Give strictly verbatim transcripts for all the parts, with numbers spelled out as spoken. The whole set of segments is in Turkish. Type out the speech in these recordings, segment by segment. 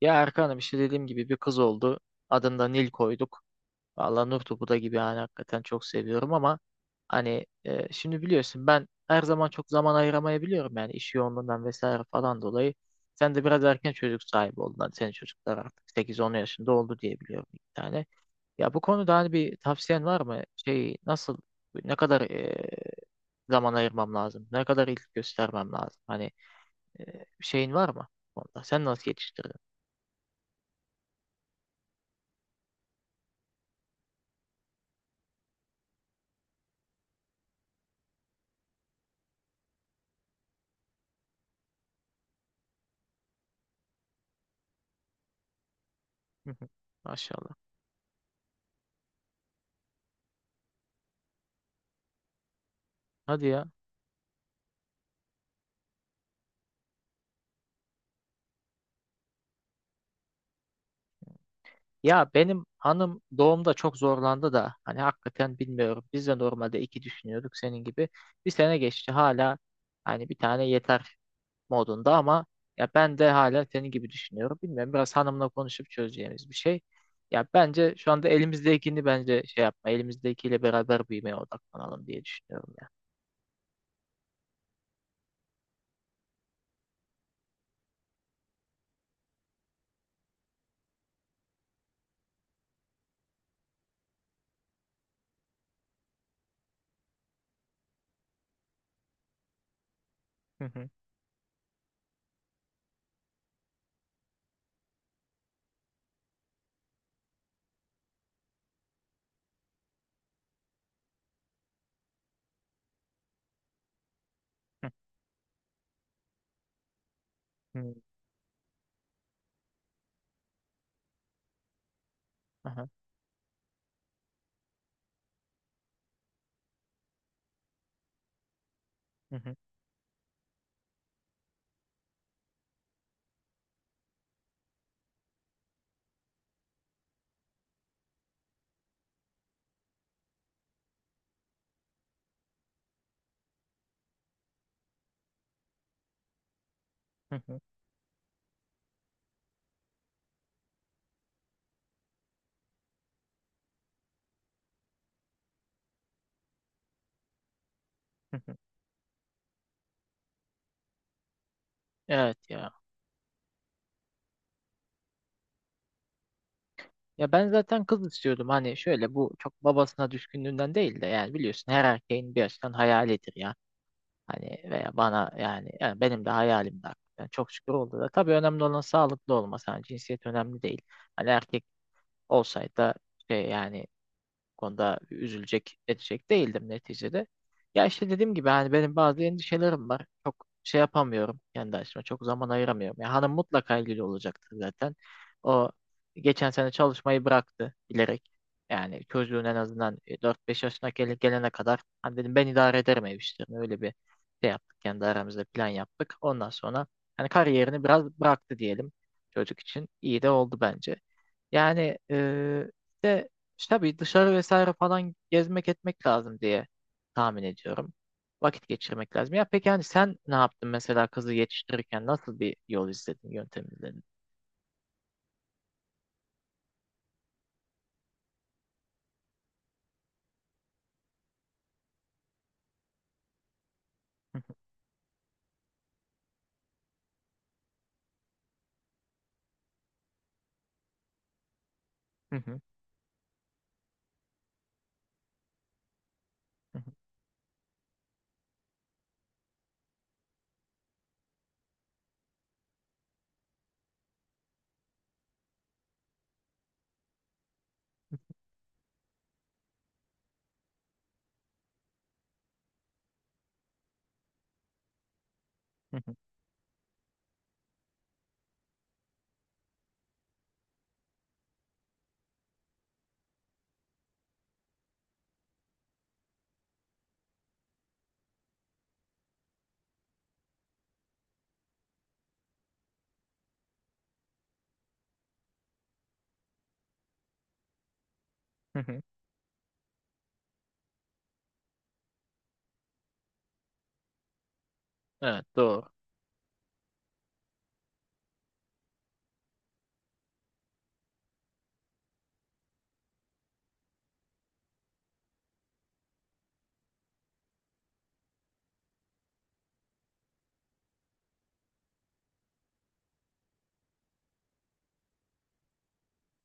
Ya Erkan'ım işte dediğim gibi bir kız oldu. Adını da Nil koyduk. Vallahi Nur topu da gibi yani hakikaten çok seviyorum ama hani e, şimdi biliyorsun ben her zaman çok zaman ayıramayabiliyorum yani iş yoğunluğundan vesaire falan dolayı. Sen de biraz erken çocuk sahibi oldun. Hani senin çocuklar artık sekiz on yaşında oldu diye biliyorum bir tane. Ya bu konuda hani bir tavsiyen var mı? Şey nasıl ne kadar e, zaman ayırmam lazım? Ne kadar ilgi göstermem lazım? Hani ee, şeyin var mı? Onda. Sen nasıl yetiştirdin? Hı hı. Maşallah. Hadi ya. Ya benim hanım doğumda çok zorlandı da hani hakikaten bilmiyorum. Biz de normalde iki düşünüyorduk senin gibi. Bir sene geçti hala hani bir tane yeter modunda ama ya ben de hala senin gibi düşünüyorum. Bilmiyorum biraz hanımla konuşup çözeceğimiz bir şey. Ya bence şu anda elimizdekini bence şey yapma. Elimizdekiyle beraber büyümeye odaklanalım diye düşünüyorum ya. Hı hı. Hı hı. Aha. Hı hı. Hı hı. Hı hı. Evet ya. Ya ben zaten kız istiyordum hani şöyle bu çok babasına düşkünlüğünden değil de yani biliyorsun her erkeğin bir açıdan hayalidir ya. Hani veya bana yani, yani benim de hayalim hakikaten. Çok şükür oldu da. Tabii önemli olan sağlıklı olması. Hani cinsiyet önemli değil. Hani erkek olsaydı da şey yani bu konuda üzülecek, edecek değildim neticede. Ya işte dediğim gibi hani benim bazı endişelerim var. Çok şey yapamıyorum kendi açıma. Çok zaman ayıramıyorum. Ya hanım mutlaka ilgili olacaktır zaten. O geçen sene çalışmayı bıraktı bilerek. Yani çocuğun en azından e, dört beş yaşına gele- gelene kadar hani dedim ben idare ederim ev işlerini. Öyle bir şey yaptık. Kendi aramızda plan yaptık. Ondan sonra hani kariyerini biraz bıraktı diyelim çocuk için. İyi de oldu bence. Yani e, işte işte tabii dışarı vesaire falan gezmek etmek lazım diye tahmin ediyorum. Vakit geçirmek lazım. Ya peki hani sen ne yaptın mesela kızı yetiştirirken nasıl bir yol izledin, yöntem izledin? Hı hı. Hı hı. Hı hı. Hı hı. Evet doğru.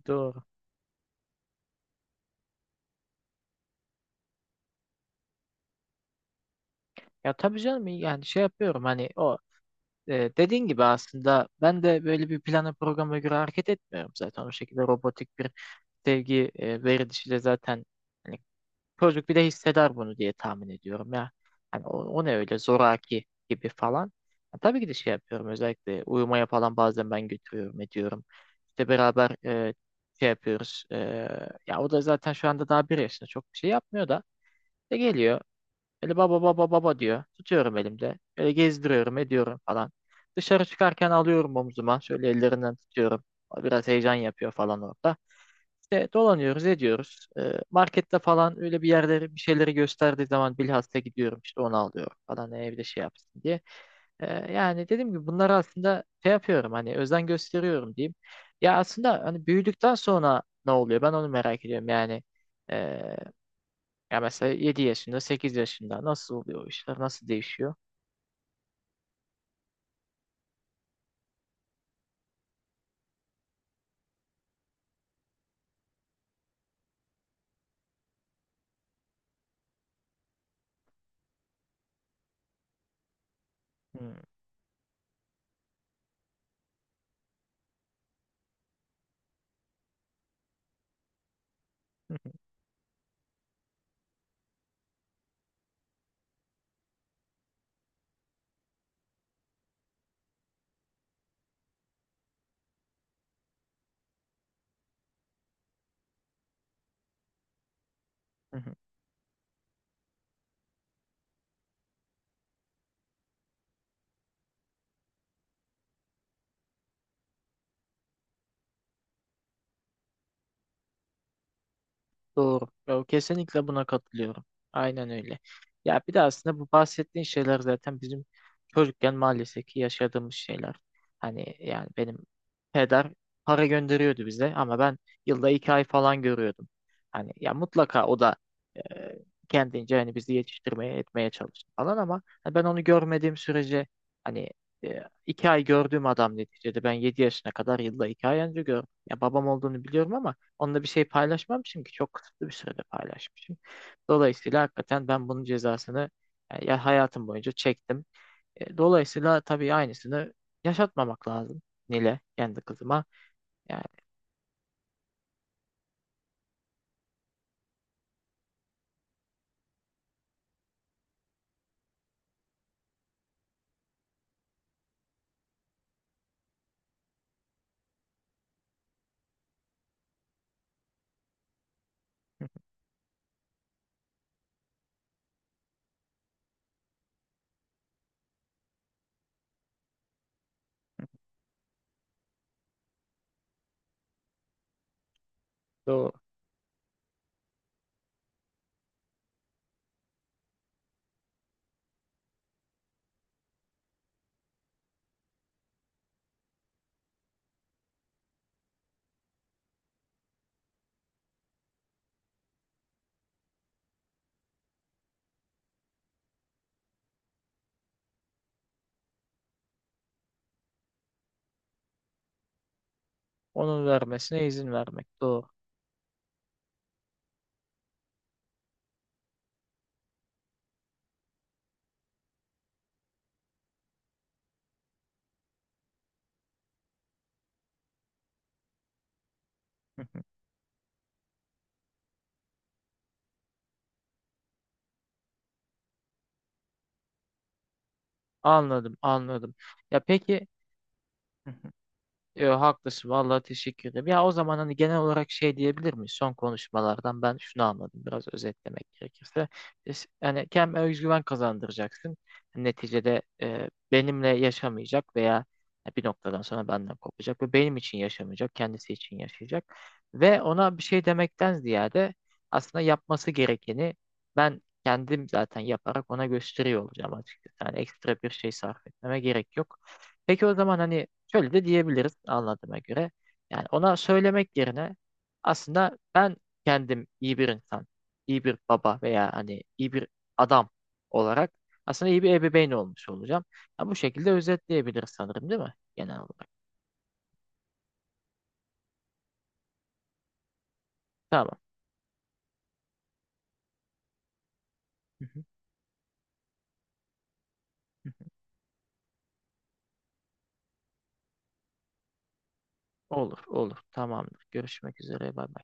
Doğru. Ya tabii canım yani şey yapıyorum hani o e, dediğin gibi aslında ben de böyle bir plana programa göre hareket etmiyorum zaten o şekilde robotik bir sevgi e, verilişiyle zaten hani çocuk bir de hisseder bunu diye tahmin ediyorum ya. Hani o, o ne öyle zoraki gibi falan. Ya tabii ki de şey yapıyorum özellikle uyumaya falan bazen ben götürüyorum ediyorum. İşte beraber e, şey yapıyoruz. E, ya o da zaten şu anda daha bir yaşında çok bir şey yapmıyor da. İşte geliyor. Böyle baba baba baba diyor. Tutuyorum elimde. Böyle gezdiriyorum ediyorum falan. Dışarı çıkarken alıyorum omzuma. Şöyle ellerinden tutuyorum. O biraz heyecan yapıyor falan orada. İşte dolanıyoruz ediyoruz. Ee, markette falan öyle bir yerleri bir şeyleri gösterdiği zaman bilhassa gidiyorum işte onu alıyorum falan, "E, evde şey yapsın diye. Ee, yani dediğim gibi bunları aslında şey yapıyorum hani özen gösteriyorum diyeyim. Ya aslında hani büyüdükten sonra ne oluyor ben onu merak ediyorum yani. ee, Ya mesela yedi yaşında, sekiz yaşında nasıl oluyor o işler, nasıl değişiyor? Hmm. Doğru. Ya, kesinlikle buna katılıyorum. Aynen öyle. Ya bir de aslında bu bahsettiğin şeyler zaten bizim çocukken maalesef ki yaşadığımız şeyler. Hani yani benim peder para gönderiyordu bize ama ben yılda iki ay falan görüyordum. Hani ya mutlaka o da e, kendince hani bizi yetiştirmeye etmeye çalıştı falan ama hani ben onu görmediğim sürece hani e, iki ay gördüğüm adam neticede ben yedi yaşına kadar yılda iki ay önce gördüm. Ya babam olduğunu biliyorum ama onunla bir şey paylaşmam çünkü çok kısıtlı bir sürede paylaşmışım. Dolayısıyla hakikaten ben bunun cezasını e, ya hayatım boyunca çektim. E, Dolayısıyla tabii aynısını yaşatmamak lazım Nile kendi kızıma. Yani doğru. Onun vermesine izin vermek doğru. Anladım, anladım. Ya peki yo, haklısın vallahi teşekkür ederim. Ya o zaman hani genel olarak şey diyebilir miyiz? Son konuşmalardan ben şunu anladım biraz özetlemek gerekirse. Biz- Yani kendine özgüven kazandıracaksın. Neticede e, benimle yaşamayacak veya e, bir noktadan sonra benden kopacak ve benim için yaşamayacak, kendisi için yaşayacak. Ve ona bir şey demekten ziyade aslında yapması gerekeni ben kendim zaten yaparak ona gösteriyor olacağım açıkçası. Yani ekstra bir şey sarf etmeme gerek yok. Peki o zaman hani şöyle de diyebiliriz anladığıma göre. Yani ona söylemek yerine aslında ben kendim iyi bir insan, iyi bir baba veya hani iyi bir adam olarak aslında iyi bir ebeveyn olmuş olacağım. Ya bu şekilde özetleyebiliriz sanırım değil mi? Genel olarak. Tamam. Hı hı. Olur, olur. Tamamdır. Görüşmek üzere. Bay bay.